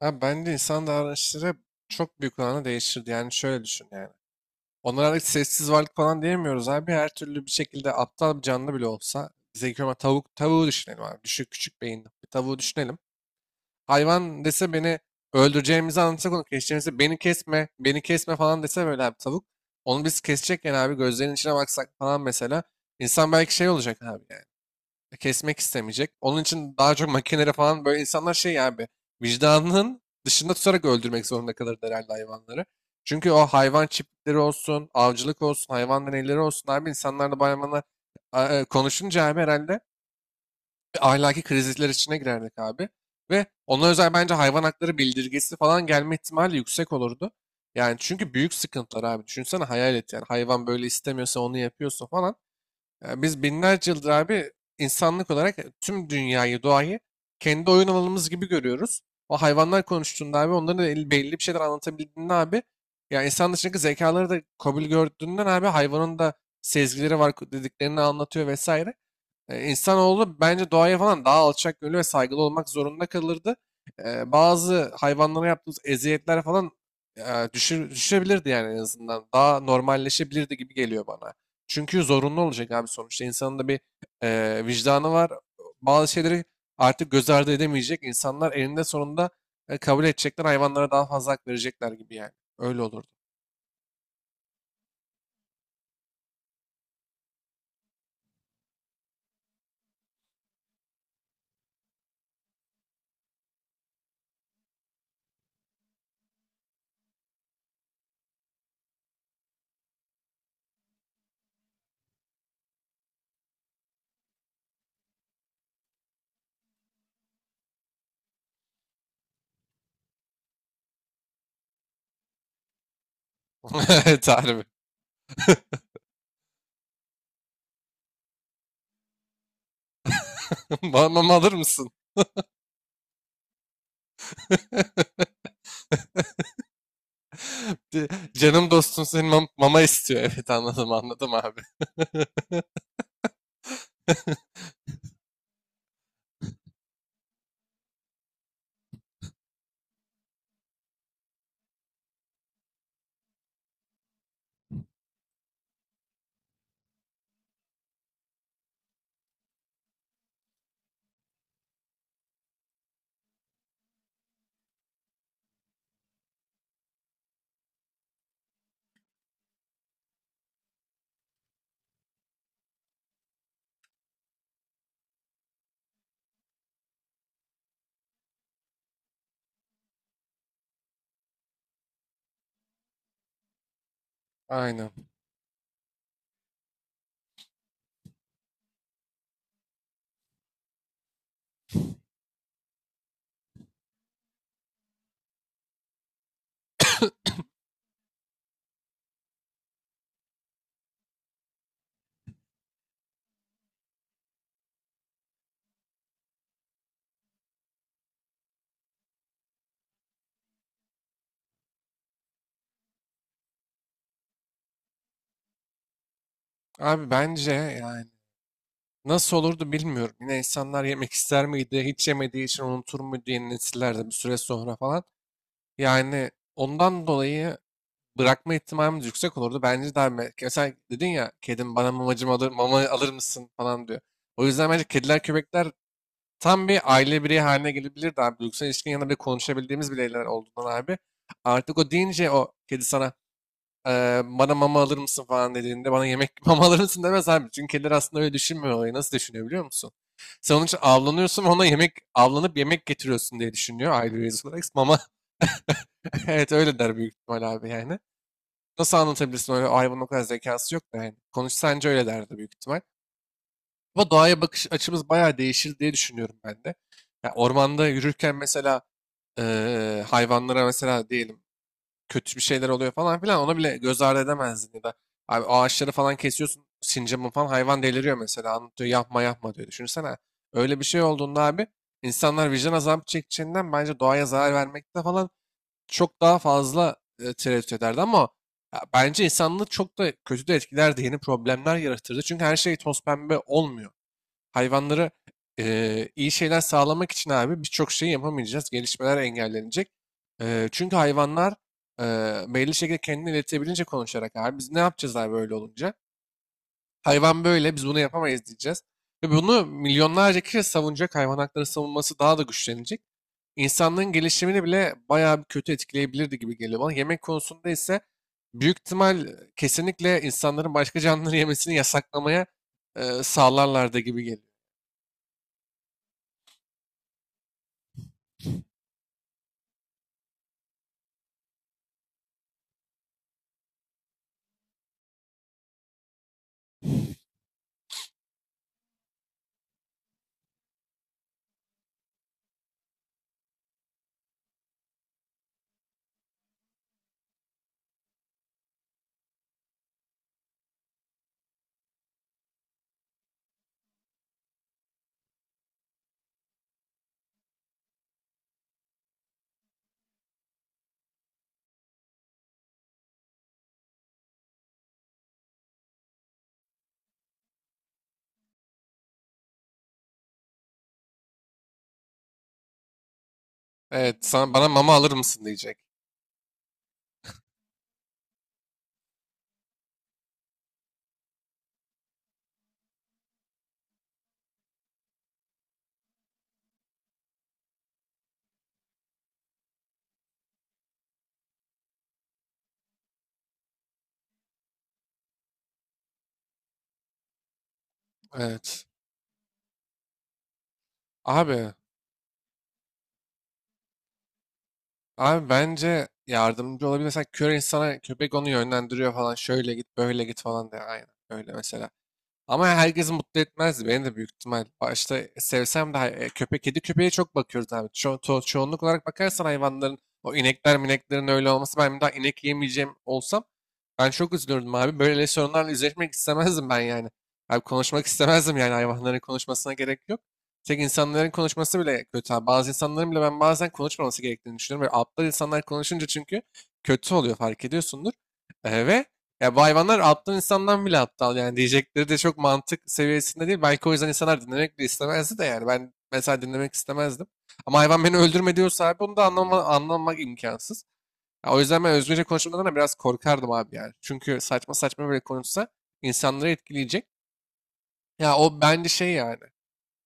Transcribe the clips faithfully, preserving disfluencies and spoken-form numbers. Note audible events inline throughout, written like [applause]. Abi bence insan davranışları çok büyük oranda değişirdi. Yani şöyle düşün yani. Onlara artık sessiz varlık falan diyemiyoruz abi. Her türlü bir şekilde aptal bir canlı bile olsa. Zeki ama tavuk, tavuğu düşünelim abi. Düşük küçük beyinli bir tavuğu düşünelim. Hayvan dese beni öldüreceğimizi anlatsak onu keseceğimizi beni kesme, beni kesme falan dese böyle abi tavuk. Onu biz kesecekken abi gözlerinin içine baksak falan mesela. İnsan belki şey olacak abi yani kesmek istemeyecek. Onun için daha çok makinelere falan böyle insanlar şey abi vicdanının dışında tutarak öldürmek zorunda kalır herhalde hayvanları. Çünkü o hayvan çiftlikleri olsun, avcılık olsun, hayvan deneyleri olsun abi insanlarla bayramına konuşunca abi herhalde ahlaki krizler içine girerdik abi. Ve ona özel bence hayvan hakları bildirgesi falan gelme ihtimali yüksek olurdu. Yani çünkü büyük sıkıntılar abi. Düşünsene hayal et yani hayvan böyle istemiyorsa onu yapıyorsa falan. Ya biz binlerce yıldır abi insanlık olarak e, tüm dünyayı, doğayı kendi oyun alanımız gibi görüyoruz. O hayvanlar konuştuğunda abi onların da el- belli bir şeyler anlatabildiğinde abi ya insan dışındaki zekaları da kabul gördüğünden abi hayvanın da sezgileri var dediklerini anlatıyor vesaire. E, İnsanoğlu bence doğaya falan daha alçak gönüllü ve saygılı olmak zorunda kalırdı. E, bazı hayvanlara yaptığımız eziyetler falan e, düşür, düşebilirdi yani en azından. Daha normalleşebilirdi gibi geliyor bana. Çünkü zorunlu olacak abi sonuçta. İnsanın da bir e, vicdanı var. Bazı şeyleri artık göz ardı edemeyecek. İnsanlar elinde sonunda e, kabul edecekler. Hayvanlara daha fazla hak verecekler gibi yani. Öyle olurdu. [laughs] Tarifi. [laughs] Bana alır mısın? [laughs] [laughs] Canım dostum senin mam- mama istiyor. Evet, anladım, anladım abi. [laughs] Aynen. Abi bence yani nasıl olurdu bilmiyorum. Yine insanlar yemek ister miydi? Hiç yemediği için unutur muydu yeni nesiller de bir süre sonra falan. Yani ondan dolayı bırakma ihtimalimiz yüksek olurdu. Bence daha me- mesela dedin ya kedim bana mamacım alır, mama alır mısın falan diyor. O yüzden bence kediler köpekler tam bir aile bireyi haline gelebilirdi abi. Duygusal ilişkinin yanında bile konuşabildiğimiz bireyler olduğundan abi. Artık o deyince o kedi sana, "Eee, bana mama alır mısın" falan dediğinde bana yemek [laughs] mama alır mısın demez abi. Çünkü kediler aslında öyle düşünmüyor olayı. Nasıl düşünüyor biliyor musun? Sen onun için avlanıyorsun ve ona yemek avlanıp yemek getiriyorsun diye düşünüyor aile üyesi olarak. Mama [laughs] evet öyle der büyük ihtimal abi yani. Nasıl anlatabilirsin öyle hayvanın o kadar zekası yok da yani. Konuşsa anca öyle derdi büyük ihtimal. Ama doğaya bakış açımız bayağı değişir diye düşünüyorum ben de. Ya ormanda yürürken mesela eee, hayvanlara mesela diyelim kötü bir şeyler oluyor falan filan ona bile göz ardı edemezdin ya da abi ağaçları falan kesiyorsun sincapın falan hayvan deliriyor mesela anlatıyor yapma yapma diyor. Düşünsene öyle bir şey olduğunda abi insanlar vicdan azabı çekeceğinden bence doğaya zarar vermekte falan çok daha fazla e, tereddüt ederdi ama ya, bence insanlığı çok da kötü de etkilerdi. Yeni problemler yaratırdı. Çünkü her şey toz pembe olmuyor. Hayvanlara e, iyi şeyler sağlamak için abi birçok şeyi yapamayacağız. Gelişmeler engellenecek. E, çünkü hayvanlar e, belli şekilde kendini iletebilince konuşarak abi biz ne yapacağız abi böyle olunca? Hayvan böyle biz bunu yapamayız diyeceğiz. Ve bunu milyonlarca kişi savunacak. Hayvan hakları savunması daha da güçlenecek, insanlığın gelişimini bile bayağı bir kötü etkileyebilirdi gibi geliyor bana. Yemek konusunda ise büyük ihtimal e, kesinlikle insanların başka canlıları yemesini yasaklamaya e, sağlarlardı gibi geliyor. Evet, sana, bana mama alır mısın diyecek. Evet. Abi, abi bence yardımcı olabilir. Mesela kör insana köpek onu yönlendiriyor falan. Şöyle git, böyle git falan diye. Aynen öyle mesela. Ama herkesi mutlu etmezdi. Beni de büyük ihtimal başta sevsem de hay- e, köpek, kedi köpeğe çok bakıyoruz abi. Ço to- çoğunluk olarak bakarsan hayvanların o inekler mineklerin öyle olması ben bir daha inek yemeyeceğim olsam ben çok üzülürdüm abi. Böyle sorunlarla yüzleşmek istemezdim ben yani. Abi konuşmak istemezdim yani hayvanların konuşmasına gerek yok. Tek insanların konuşması bile kötü abi. Bazı insanların bile ben bazen konuşmaması gerektiğini düşünüyorum. Böyle aptal insanlar konuşunca çünkü kötü oluyor fark ediyorsundur. Ee, ve ya bu hayvanlar aptal insandan bile aptal yani diyecekleri de çok mantık seviyesinde değil. Belki o yüzden insanlar dinlemek bile istemezdi de yani ben mesela dinlemek istemezdim. Ama hayvan beni öldürme diyorsa abi onu da anlama, anlamak imkansız. Ya o yüzden ben özgürce konuşmadan da biraz korkardım abi yani. Çünkü saçma saçma böyle konuşsa insanları etkileyecek. Ya o bence şey yani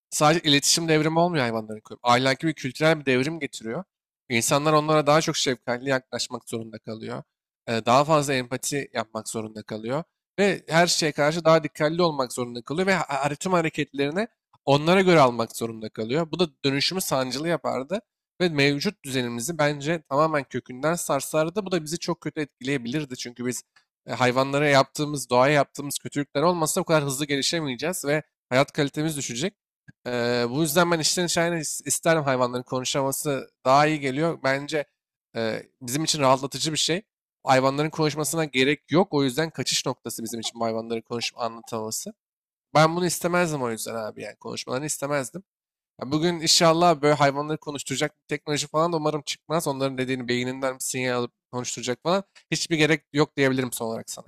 sadece iletişim devrimi olmuyor hayvanların koyup. Ahlaki bir kültürel bir devrim getiriyor. İnsanlar onlara daha çok şefkatli yaklaşmak zorunda kalıyor. Ee, daha fazla empati yapmak zorunda kalıyor. Ve her şeye karşı daha dikkatli olmak zorunda kalıyor. Ve ha- ha- tüm hareketlerini onlara göre almak zorunda kalıyor. Bu da dönüşümü sancılı yapardı. Ve mevcut düzenimizi bence tamamen kökünden sarsardı. Bu da bizi çok kötü etkileyebilirdi. Çünkü biz e, hayvanlara yaptığımız, doğaya yaptığımız kötülükler olmasa bu kadar hızlı gelişemeyeceğiz ve hayat kalitemiz düşecek. Eee, bu yüzden ben içten içe aynen is- isterim hayvanların konuşaması daha iyi geliyor. Bence eee, bizim için rahatlatıcı bir şey. Hayvanların konuşmasına gerek yok. O yüzden kaçış noktası bizim için bu hayvanların konuşup anlatamaması. Ben bunu istemezdim o yüzden abi yani konuşmalarını istemezdim. Ya bugün inşallah böyle hayvanları konuşturacak bir teknoloji falan da umarım çıkmaz. Onların dediğini beyninden bir sinyal alıp konuşturacak falan. Hiçbir gerek yok diyebilirim son olarak sana.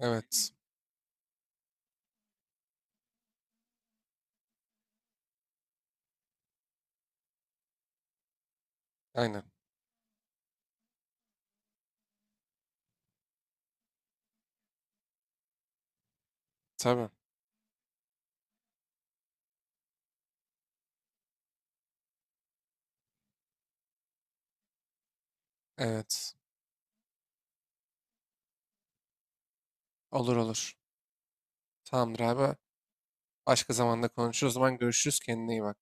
Evet. Aynen. Tabii. Evet. Olur, olur. Tamamdır abi. Başka zamanda konuşuruz. O zaman görüşürüz. Kendine iyi bak.